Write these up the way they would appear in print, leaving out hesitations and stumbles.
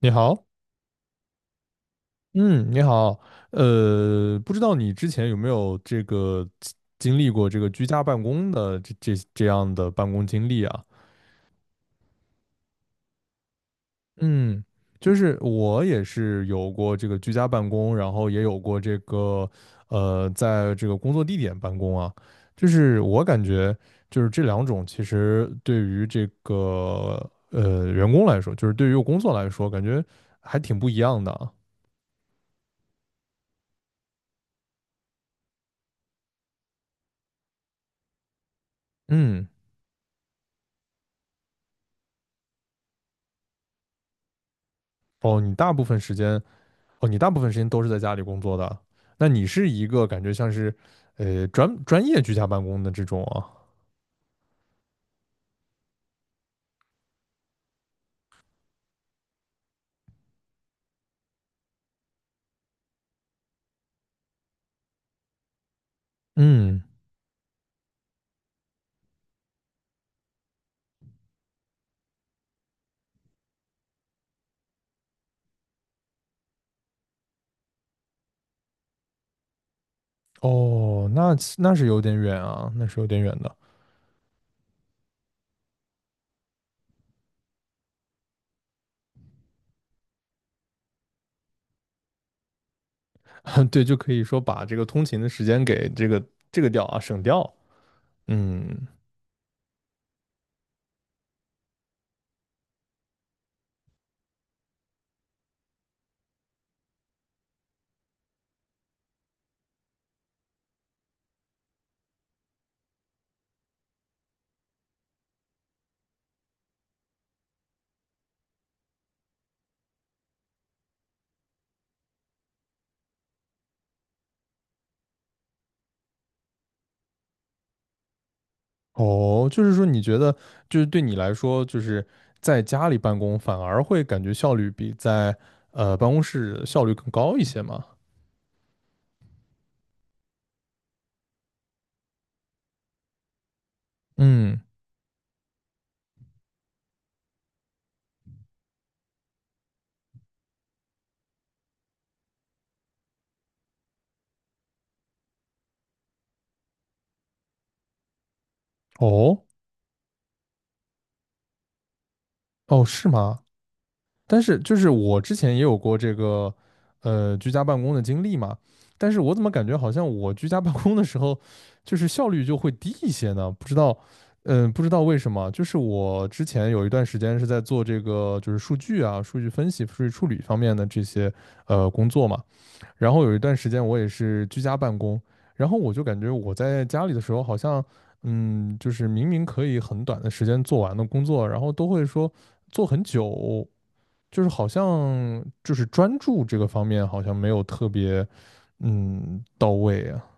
你好。嗯，你好。不知道你之前有没有这个经历过这个居家办公的这样的办公经历啊？嗯，就是我也是有过这个居家办公，然后也有过这个在这个工作地点办公啊。就是我感觉就是这两种其实对于这个员工来说，就是对于工作来说，感觉还挺不一样的啊。嗯。哦，你大部分时间。哦，你大部分时间都是在家里工作的。那你是一个感觉像是，专业居家办公的这种啊。嗯。哦，那那是有点远啊，那是有点远的。对，就可以说把这个通勤的时间给这个这个掉啊，省掉。嗯。哦，就是说你觉得，就是对你来说，就是在家里办公反而会感觉效率比在办公室效率更高一些吗？嗯。哦，哦，是吗？但是就是我之前也有过这个居家办公的经历嘛，但是我怎么感觉好像我居家办公的时候，就是效率就会低一些呢？不知道，嗯、不知道为什么。就是我之前有一段时间是在做这个就是数据啊、数据分析、数据处理方面的这些工作嘛，然后有一段时间我也是居家办公，然后我就感觉我在家里的时候好像。嗯，就是明明可以很短的时间做完的工作，然后都会说做很久，就是好像就是专注这个方面好像没有特别到位啊。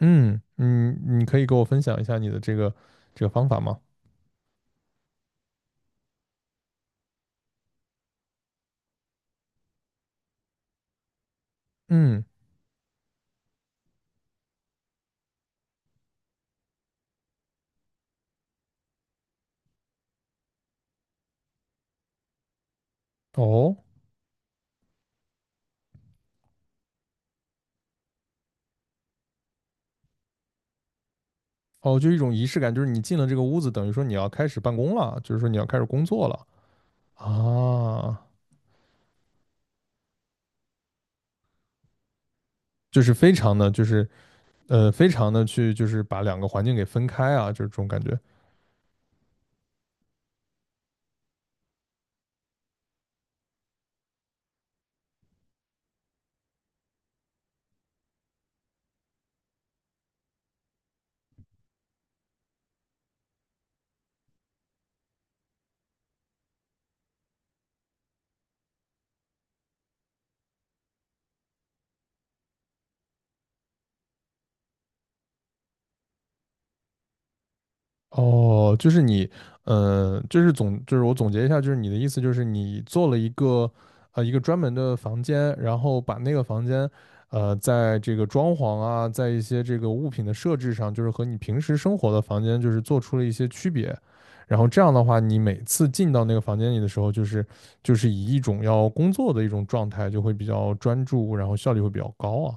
嗯。嗯，你可以给我分享一下你的这个这个方法吗？嗯。哦哦，就一种仪式感，就是你进了这个屋子，等于说你要开始办公了，就是说你要开始工作了啊。就是非常的就是非常的去就是把两个环境给分开啊，就是这种感觉。哦，就是你，就是总，就是我总结一下，就是你的意思就是你做了一个，呃，一个专门的房间，然后把那个房间，呃，在这个装潢啊，在一些这个物品的设置上，就是和你平时生活的房间，就是做出了一些区别。然后这样的话，你每次进到那个房间里的时候，就是就是以一种要工作的一种状态，就会比较专注，然后效率会比较高啊。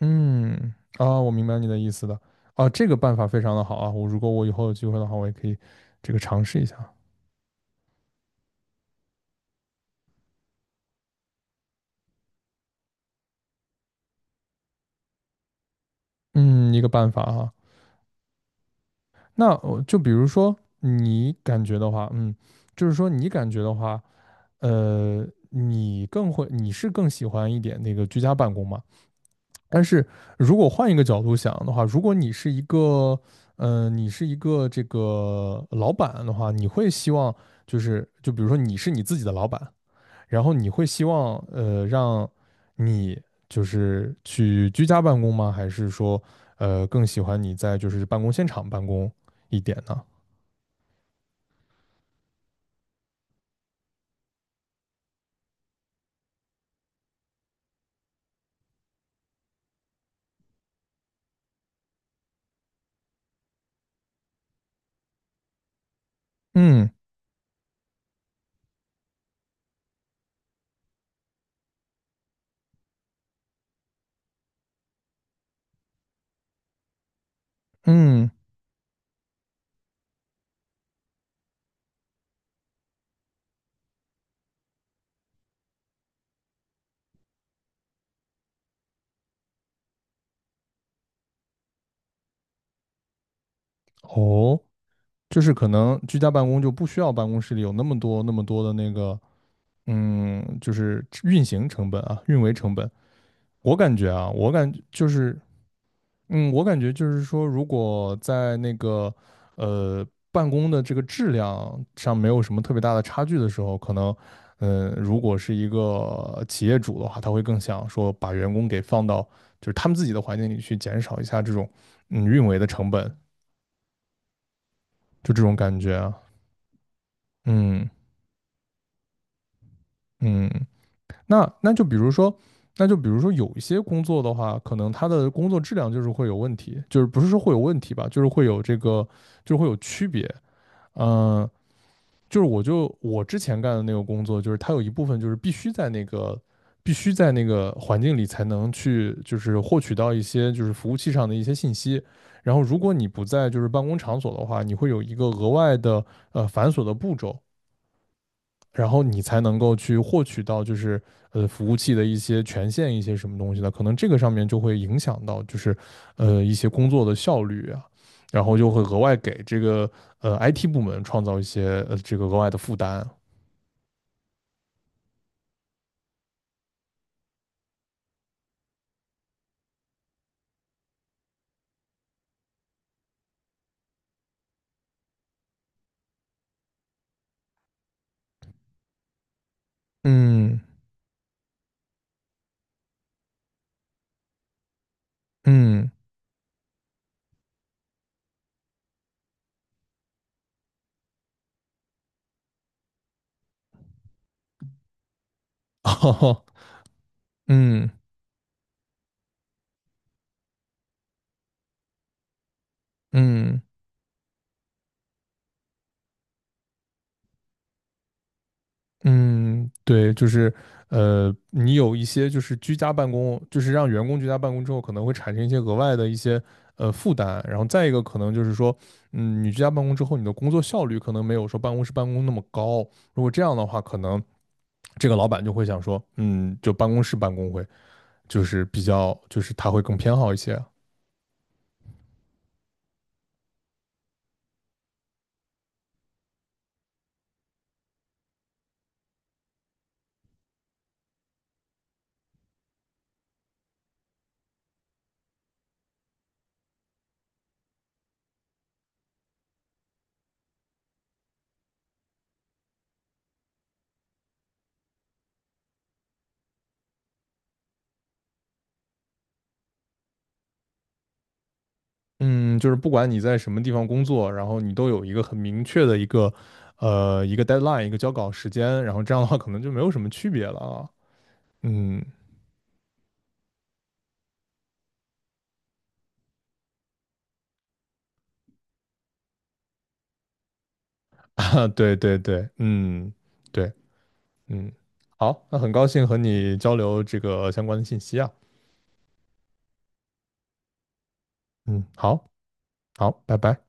嗯。啊，我明白你的意思的。啊，这个办法非常的好啊，我如果我以后有机会的话，我也可以这个尝试一下。嗯，一个办法啊。那我就比如说你感觉的话，嗯，就是说你感觉的话，你更会，你是更喜欢一点那个居家办公嘛？但是如果换一个角度想的话，如果你是一个，呃，你是一个这个老板的话，你会希望就是，就比如说你是你自己的老板。然后你会希望让你就是去居家办公吗？还是说更喜欢你在就是办公现场办公一点呢？嗯嗯。哦，就是可能居家办公就不需要办公室里有那么多那么多的那个就是运行成本啊，运维成本。我感觉啊，我感就是嗯，我感觉就是说，如果在那个呃办公的这个质量上没有什么特别大的差距的时候，可能，嗯、如果是一个企业主的话，他会更想说把员工给放到就是他们自己的环境里去，减少一下这种运维的成本，就这种感觉啊。嗯嗯。那那就比如说，那就比如说有一些工作的话，可能他的工作质量就是会有问题，就是不是说会有问题吧，就是会有这个，就是会有区别。嗯、就是我就我之前干的那个工作，就是它有一部分就是必须在那个必须在那个环境里才能去就是获取到一些就是服务器上的一些信息。然后如果你不在就是办公场所的话，你会有一个额外的繁琐的步骤，然后你才能够去获取到就是服务器的一些权限一些什么东西的，可能这个上面就会影响到就是一些工作的效率啊。然后就会额外给这个IT 部门创造一些这个额外的负担啊。嗯嗯。哦，嗯嗯嗯。对，就是你有一些就是居家办公，就是让员工居家办公之后，可能会产生一些额外的一些负担，然后再一个可能就是说，嗯，你居家办公之后，你的工作效率可能没有说办公室办公那么高，如果这样的话，可能这个老板就会想说，嗯，就办公室办公会就是比较就是他会更偏好一些。嗯，就是不管你在什么地方工作，然后你都有一个很明确的一个，呃，一个 deadline，一个交稿时间，然后这样的话可能就没有什么区别了啊。嗯。啊，对对对，嗯，对。嗯，好，那很高兴和你交流这个相关的信息啊。嗯，好，好，拜拜。